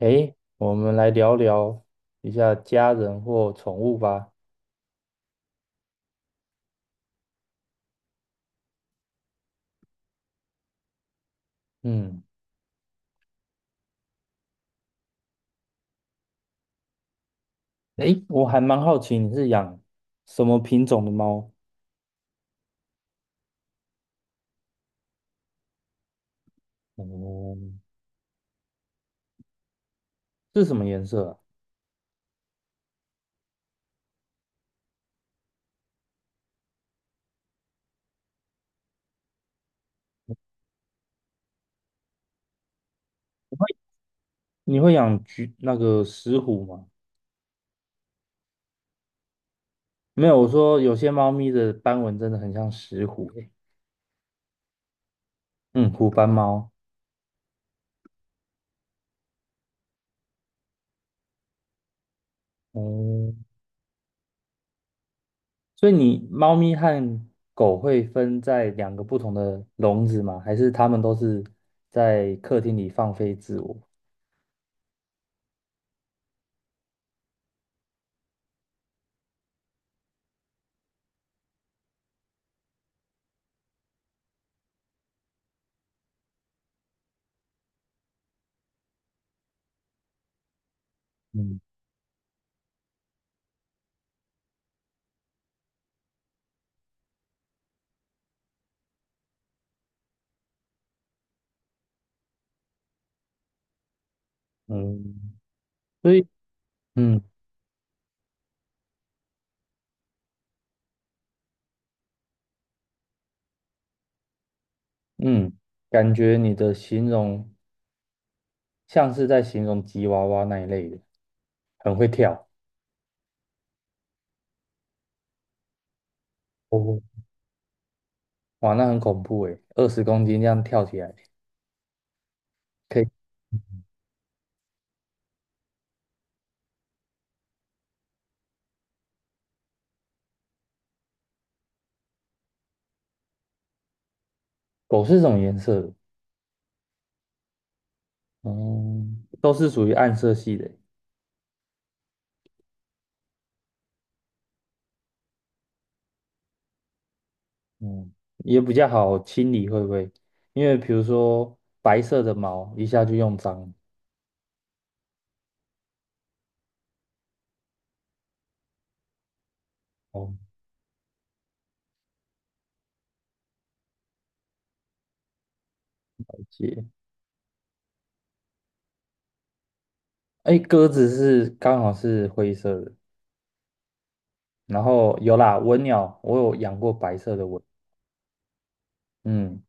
诶，我们来聊聊一下家人或宠物吧。嗯，诶，我还蛮好奇你是养什么品种的猫？哦，是什么颜色啊？你会养橘那个石虎吗？没有，我说有些猫咪的斑纹真的很像石虎诶。嗯，虎斑猫。哦，所以你猫咪和狗会分在两个不同的笼子吗？还是它们都是在客厅里放飞自我？嗯嗯。所以。嗯嗯，感觉你的形容像是在形容吉娃娃那一类的，很会跳。哦，哇，那很恐怖诶，20公斤这样跳起来，可以。狗是什么颜色的？嗯，都是属于暗色系的。嗯，也比较好清理，会不会？因为比如说白色的毛一下就用脏。哦，了解。哎，鸽子是刚好是灰色的，然后有啦，文鸟，我有养过白色的文。嗯。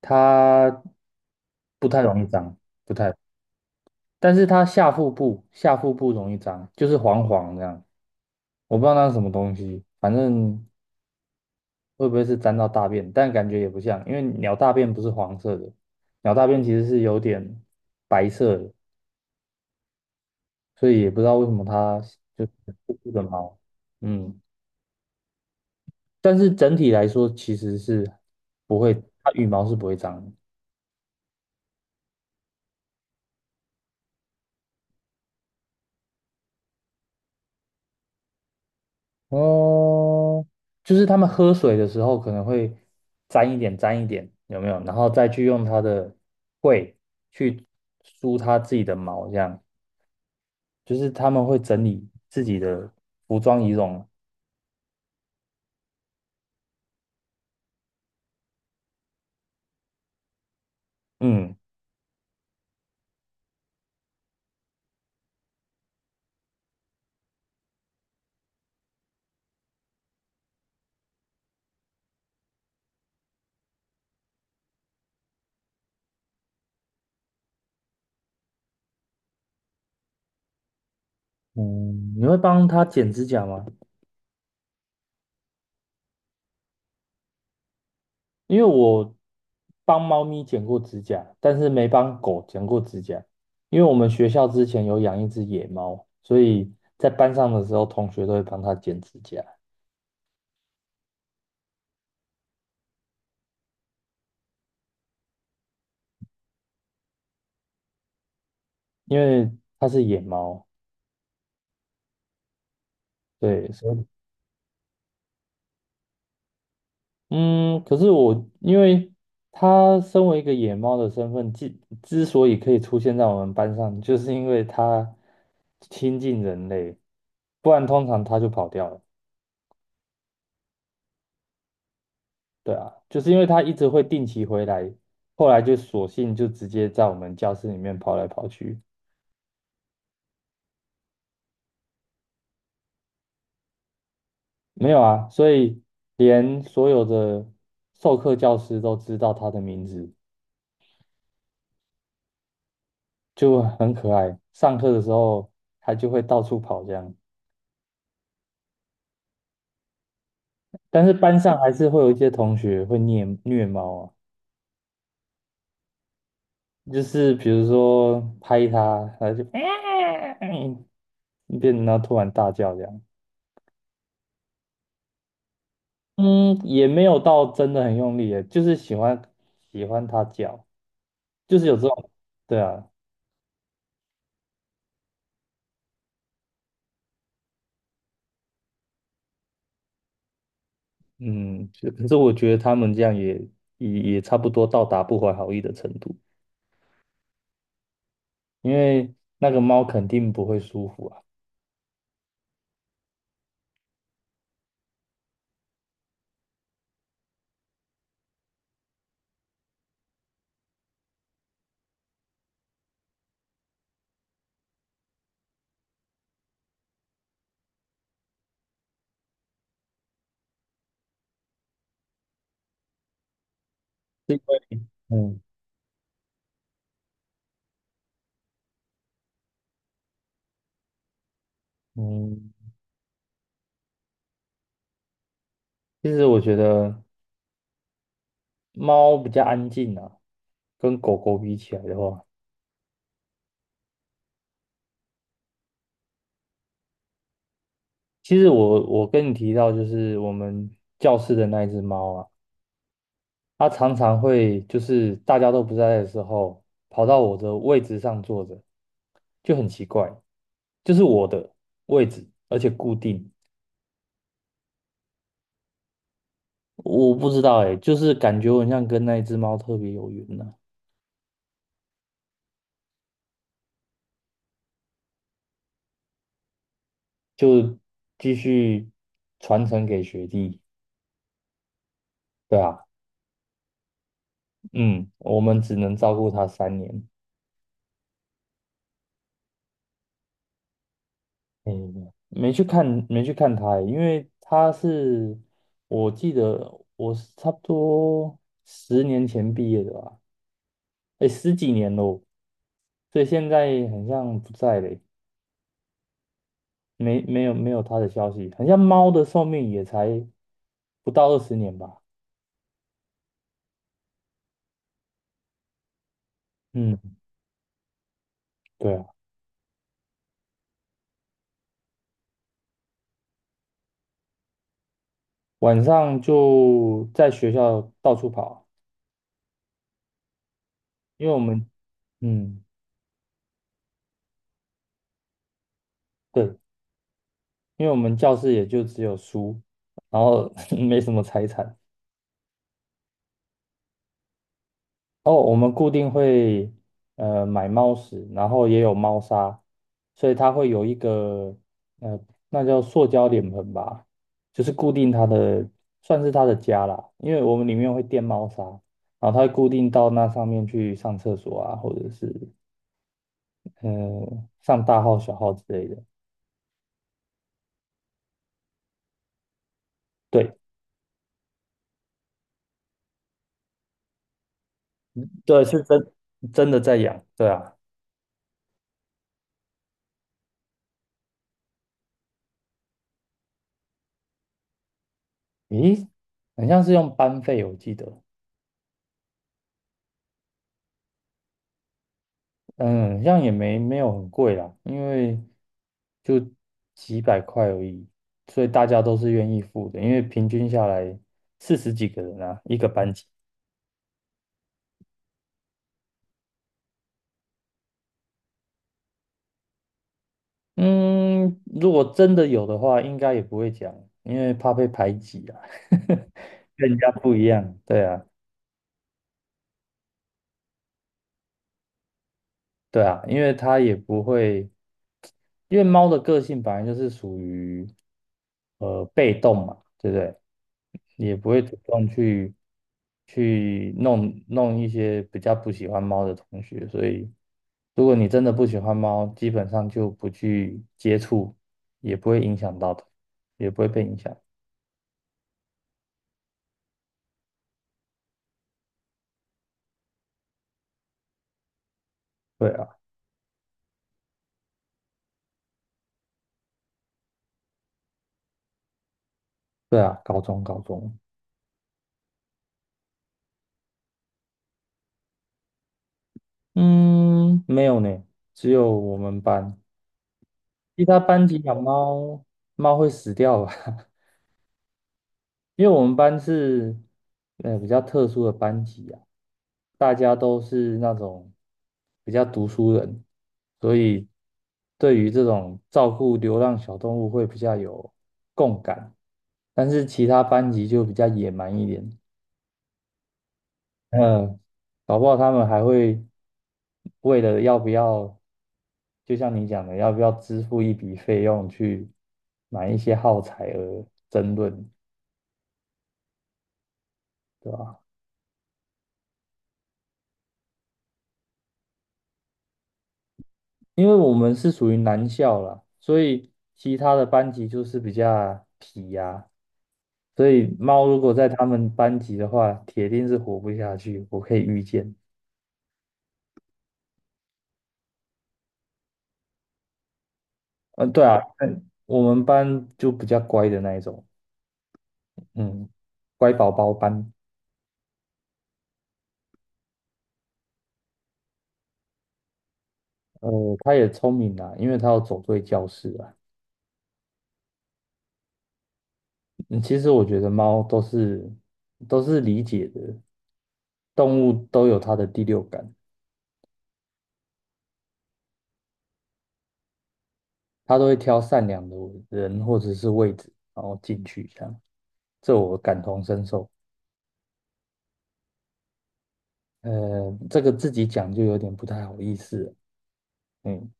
它不太容易脏，不太，但是它下腹部容易脏，就是黄黄这样，我不知道那是什么东西，反正会不会是沾到大便，但感觉也不像，因为鸟大便不是黄色的，鸟大便其实是有点白色的，所以也不知道为什么它就是腹部的毛，嗯，但是整体来说其实是不会，它羽毛是不会脏的。哦，就是他们喝水的时候可能会沾一点沾一点，有没有？然后再去用它的喙去梳它自己的毛，这样就是他们会整理自己的服装仪容。嗯嗯，你会帮它剪指甲吗？因为我帮猫咪剪过指甲，但是没帮狗剪过指甲，因为我们学校之前有养一只野猫，所以在班上的时候，同学都会帮它剪指甲。因为它是野猫，对，所以嗯，可是我因为它身为一个野猫的身份，之所以可以出现在我们班上，就是因为它亲近人类，不然通常它就跑掉了。对啊，就是因为它一直会定期回来，后来就索性就直接在我们教室里面跑来跑去。没有啊，所以连所有的授课教师都知道它的名字。就很可爱。上课的时候，它就会到处跑这样，但是班上还是会有一些同学会虐猫啊，就是比如说拍它，它就 嗯，变，然后突然大叫这样。嗯，也没有到真的很用力耶，就是喜欢它叫，就是有这种，对啊，嗯，就可是我觉得他们这样也差不多到达不怀好意的程度，因为那个猫肯定不会舒服啊。是因为嗯嗯，其实我觉得猫比较安静啊，跟狗狗比起来的话，其实我跟你提到就是我们教室的那一只猫啊，它常常会就是大家都不在的时候，跑到我的位置上坐着，就很奇怪，就是我的位置，而且固定。我不知道哎、就是感觉我很像跟那一只猫特别有缘呢、就继续传承给学弟。对啊，嗯，我们只能照顾它3年。嗯，没去看，没去看他欸，因为他是，我记得我是差不多10年前毕业的吧，哎，十几年喽，所以现在很像不在嘞，没有他的消息，很像猫的寿命也才不到20年吧，嗯，对啊，晚上就在学校到处跑，因为我们，嗯，对，因为我们教室也就只有书，然后 没什么财产。哦，我们固定会买猫屎，然后也有猫砂，所以它会有一个呃，那叫塑胶脸盆吧，就是固定它的，算是它的家啦。因为我们里面会垫猫砂，然后它会固定到那上面去上厕所啊，或者是嗯、上大号小号之类的。对，对，真的在养，对啊。咦，很像是用班费，我记得。嗯，这样也没有很贵啦，因为就几百块而已，所以大家都是愿意付的，因为平均下来四十几个人啊，一个班级。嗯，如果真的有的话，应该也不会讲，因为怕被排挤啊，跟人家不一样，对啊。对啊，因为它也不会，因为猫的个性本来就是属于被动嘛，对不对？也不会主动去弄弄一些比较不喜欢猫的同学，所以如果你真的不喜欢猫，基本上就不去接触，也不会影响到它，也不会被影响。对啊，对啊，高中高中，嗯，没有呢，只有我们班。其他班级养猫，猫会死掉吧？因为我们班是比较特殊的班级啊，大家都是那种比较读书人，所以对于这种照顾流浪小动物会比较有共感。但是其他班级就比较野蛮一点，嗯，搞不好他们还会为了要不要，就像你讲的，要不要支付一笔费用去买一些耗材而争论。对吧？因为我们是属于男校啦，所以其他的班级就是比较皮呀、所以猫如果在他们班级的话，铁定是活不下去，我可以预见。嗯、对啊，嗯我们班就比较乖的那一种，嗯，乖宝宝班，它也聪明啦，因为它要走对教室啊。嗯，其实我觉得猫都是理解的，动物都有它的第六感。他都会挑善良的人或者是位置，然后进去这样，这我感同身受。呃，这个自己讲就有点不太好意思了嗯，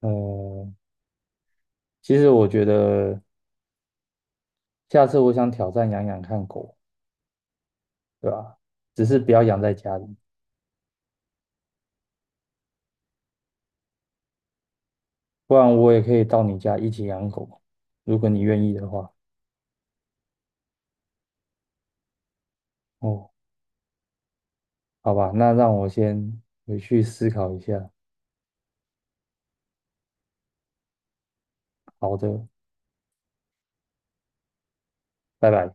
呃，其实我觉得下次我想挑战养养看狗，对吧？只是不要养在家里，不然我也可以到你家一起养狗，如果你愿意的话。哦，好吧，那让我先回去思考一下。好的，拜拜。